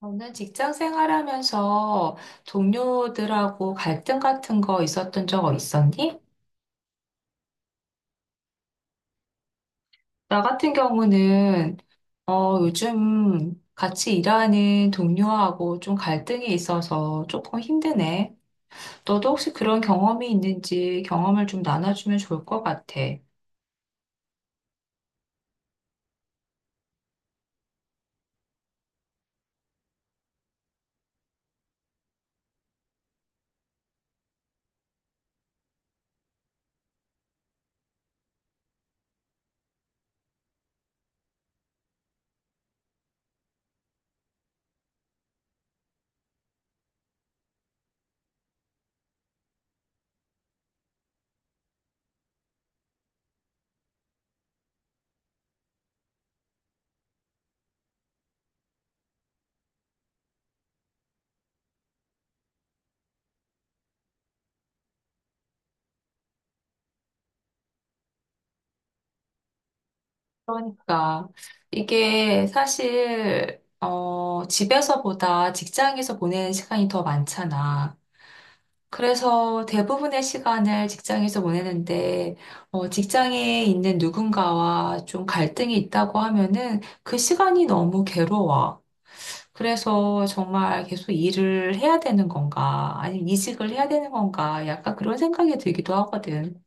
저는 직장 생활하면서 동료들하고 갈등 같은 거 있었던 적 있었니? 나 같은 경우는 요즘 같이 일하는 동료하고 좀 갈등이 있어서 조금 힘드네. 너도 혹시 그런 경험이 있는지 경험을 좀 나눠주면 좋을 것 같아. 그러니까 이게 사실 집에서보다 직장에서 보내는 시간이 더 많잖아. 그래서 대부분의 시간을 직장에서 보내는데, 직장에 있는 누군가와 좀 갈등이 있다고 하면은 그 시간이 너무 괴로워. 그래서 정말 계속 일을 해야 되는 건가, 아니면 이직을 해야 되는 건가, 약간 그런 생각이 들기도 하거든.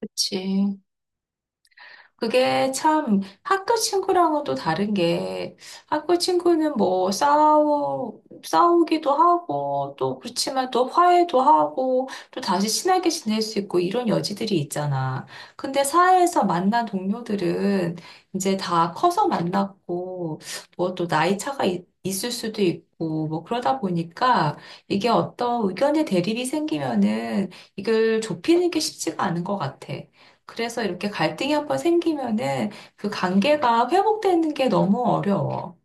그치. 그게 참 학교 친구랑은 또 다른 게 학교 친구는 뭐 싸우기도 하고 또 그렇지만 또 화해도 하고 또 다시 친하게 지낼 수 있고 이런 여지들이 있잖아. 근데 사회에서 만난 동료들은 이제 다 커서 만났고 뭐 또 나이 차가 있을 수도 있고 뭐 그러다 보니까 이게 어떤 의견의 대립이 생기면은 이걸 좁히는 게 쉽지가 않은 것 같아. 그래서 이렇게 갈등이 한번 생기면은 그 관계가 회복되는 게 너무 어려워.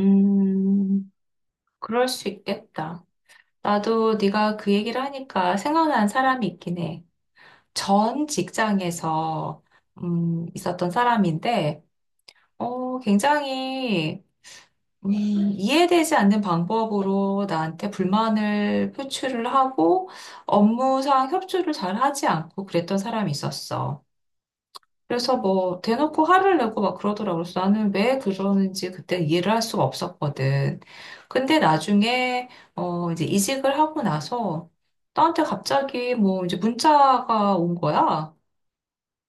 음, 그럴 수 있겠다. 나도 네가 그 얘기를 하니까 생각난 사람이 있긴 해. 전 직장에서 있었던 사람인데, 굉장히 음, 이해되지 않는 방법으로 나한테 불만을 표출을 하고 업무상 협조를 잘 하지 않고 그랬던 사람이 있었어. 그래서 뭐 대놓고 화를 내고 막 그러더라고요. 그래서 나는 왜 그러는지 그때 이해를 할 수가 없었거든. 근데 나중에 이제 이직을 하고 나서 나한테 갑자기 뭐 이제 문자가 온 거야.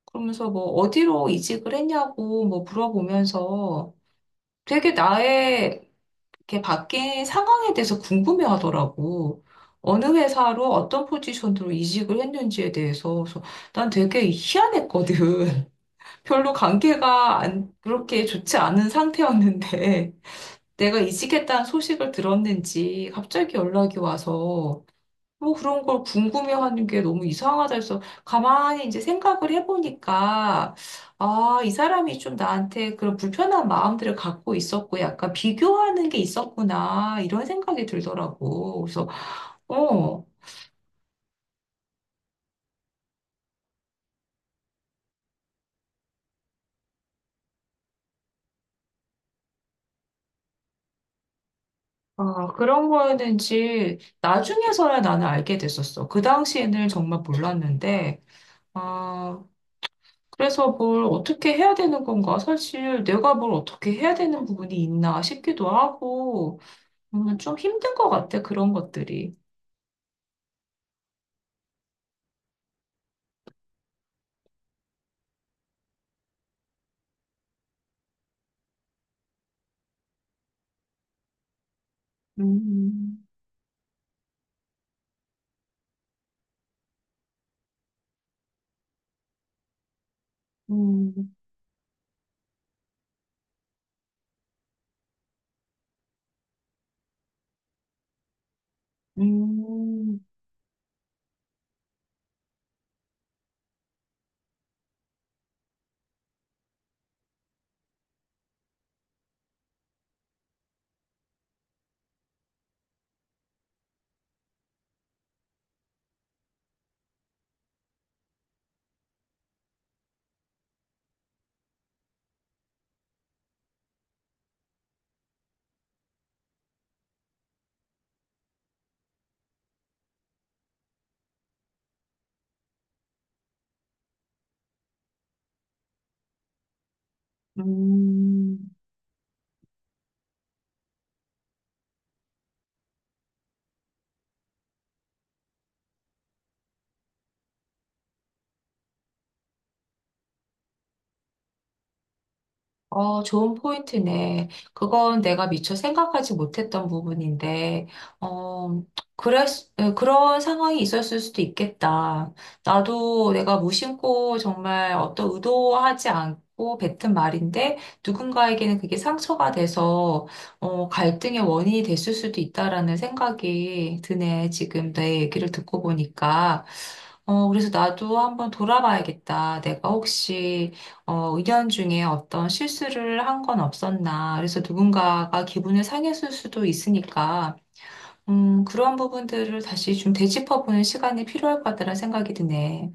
그러면서 뭐 어디로 이직을 했냐고 뭐 물어보면서 되게 나의 이렇게 바뀐 상황에 대해서 궁금해 하더라고. 어느 회사로 어떤 포지션으로 이직을 했는지에 대해서. 그래서 난 되게 희한했거든. 별로 관계가 안, 그렇게 좋지 않은 상태였는데 내가 이직했다는 소식을 들었는지 갑자기 연락이 와서 뭐 그런 걸 궁금해하는 게 너무 이상하다 해서 가만히 이제 생각을 해보니까 아, 이 사람이 좀 나한테 그런 불편한 마음들을 갖고 있었고 약간 비교하는 게 있었구나 이런 생각이 들더라고. 그래서 어, 아, 그런 거였는지 나중에서야 나는 알게 됐었어. 그 당시에는 정말 몰랐는데 아, 그래서 뭘 어떻게 해야 되는 건가? 사실 내가 뭘 어떻게 해야 되는 부분이 있나 싶기도 하고, 좀 힘든 것 같아, 그런 것들이. 음, 음, 음, 음. 어, 좋은 포인트네. 그건 내가 미처 생각하지 못했던 부분인데, 어, 그런 상황이 있었을 수도 있겠다. 나도 내가 무심코 정말 어떤 의도하지 않고 뱉은 말인데, 누군가에게는 그게 상처가 돼서, 갈등의 원인이 됐을 수도 있다라는 생각이 드네. 지금 내 얘기를 듣고 보니까. 어, 그래서 나도 한번 돌아봐야겠다. 내가 혹시 의견 중에 어떤 실수를 한 건 없었나. 그래서 누군가가 기분을 상했을 수도 있으니까, 그런 부분들을 다시 좀 되짚어보는 시간이 필요할 것 같다는 생각이 드네.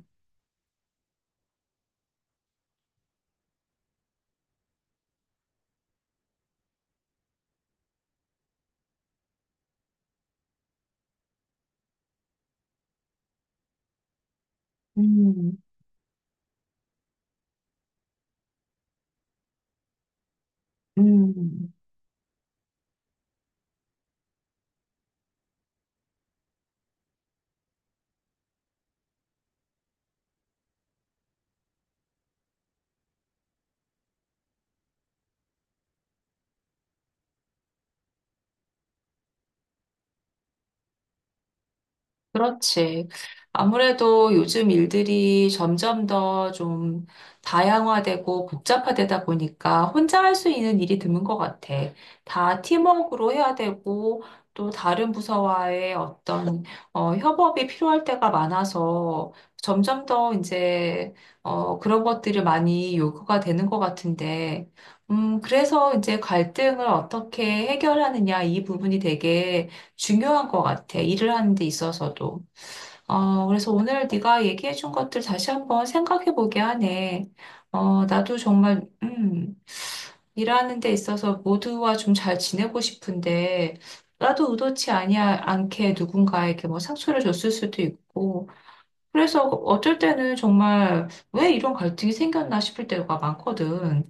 음, 음. 그렇지. 아무래도 요즘 일들이 점점 더 좀 다양화되고 복잡화되다 보니까 혼자 할 수 있는 일이 드문 것 같아. 다 팀워크로 해야 되고 또 다른 부서와의 어떤 협업이 필요할 때가 많아서 점점 더 이제 그런 것들이 많이 요구가 되는 것 같은데, 그래서 이제 갈등을 어떻게 해결하느냐 이 부분이 되게 중요한 것 같아. 일을 하는 데 있어서도. 어, 그래서 오늘 네가 얘기해 준 것들 다시 한번 생각해 보게 하네. 나도 정말, 일하는 데 있어서 모두와 좀 잘 지내고 싶은데, 나도 않게 누군가에게 뭐 상처를 줬을 수도 있고, 그래서 어쩔 때는 정말 왜 이런 갈등이 생겼나 싶을 때가 많거든.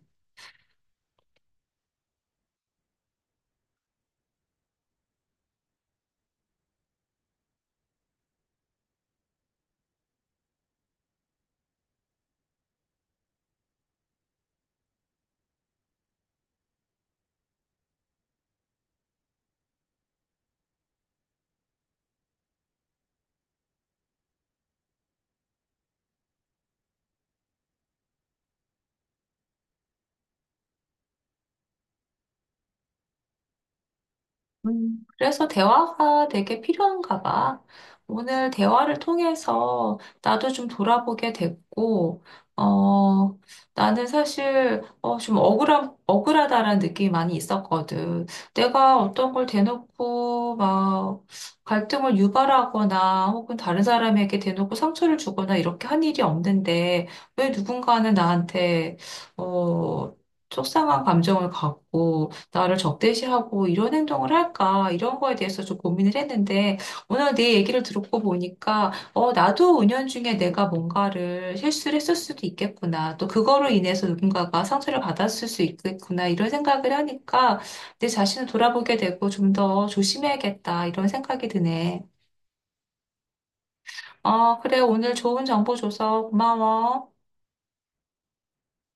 그래서 대화가 되게 필요한가 봐. 오늘 대화를 통해서 나도 좀 돌아보게 됐고, 어, 나는 사실, 좀 억울하다라는 느낌이 많이 있었거든. 내가 어떤 걸 대놓고 막 갈등을 유발하거나 혹은 다른 사람에게 대놓고 상처를 주거나 이렇게 한 일이 없는데, 왜 누군가는 나한테, 어, 속상한 감정을 갖고, 나를 적대시하고 이런 행동을 할까? 이런 거에 대해서 좀 고민을 했는데 오늘 네 얘기를 듣고 보니까 어, 나도 은연중에 내가 뭔가를 실수를 했을 수도 있겠구나. 또 그거로 인해서 누군가가 상처를 받았을 수 있겠구나. 이런 생각을 하니까 내 자신을 돌아보게 되고 좀 더 조심해야겠다. 이런 생각이 드네. 어, 그래. 오늘 좋은 정보 줘서 고마워.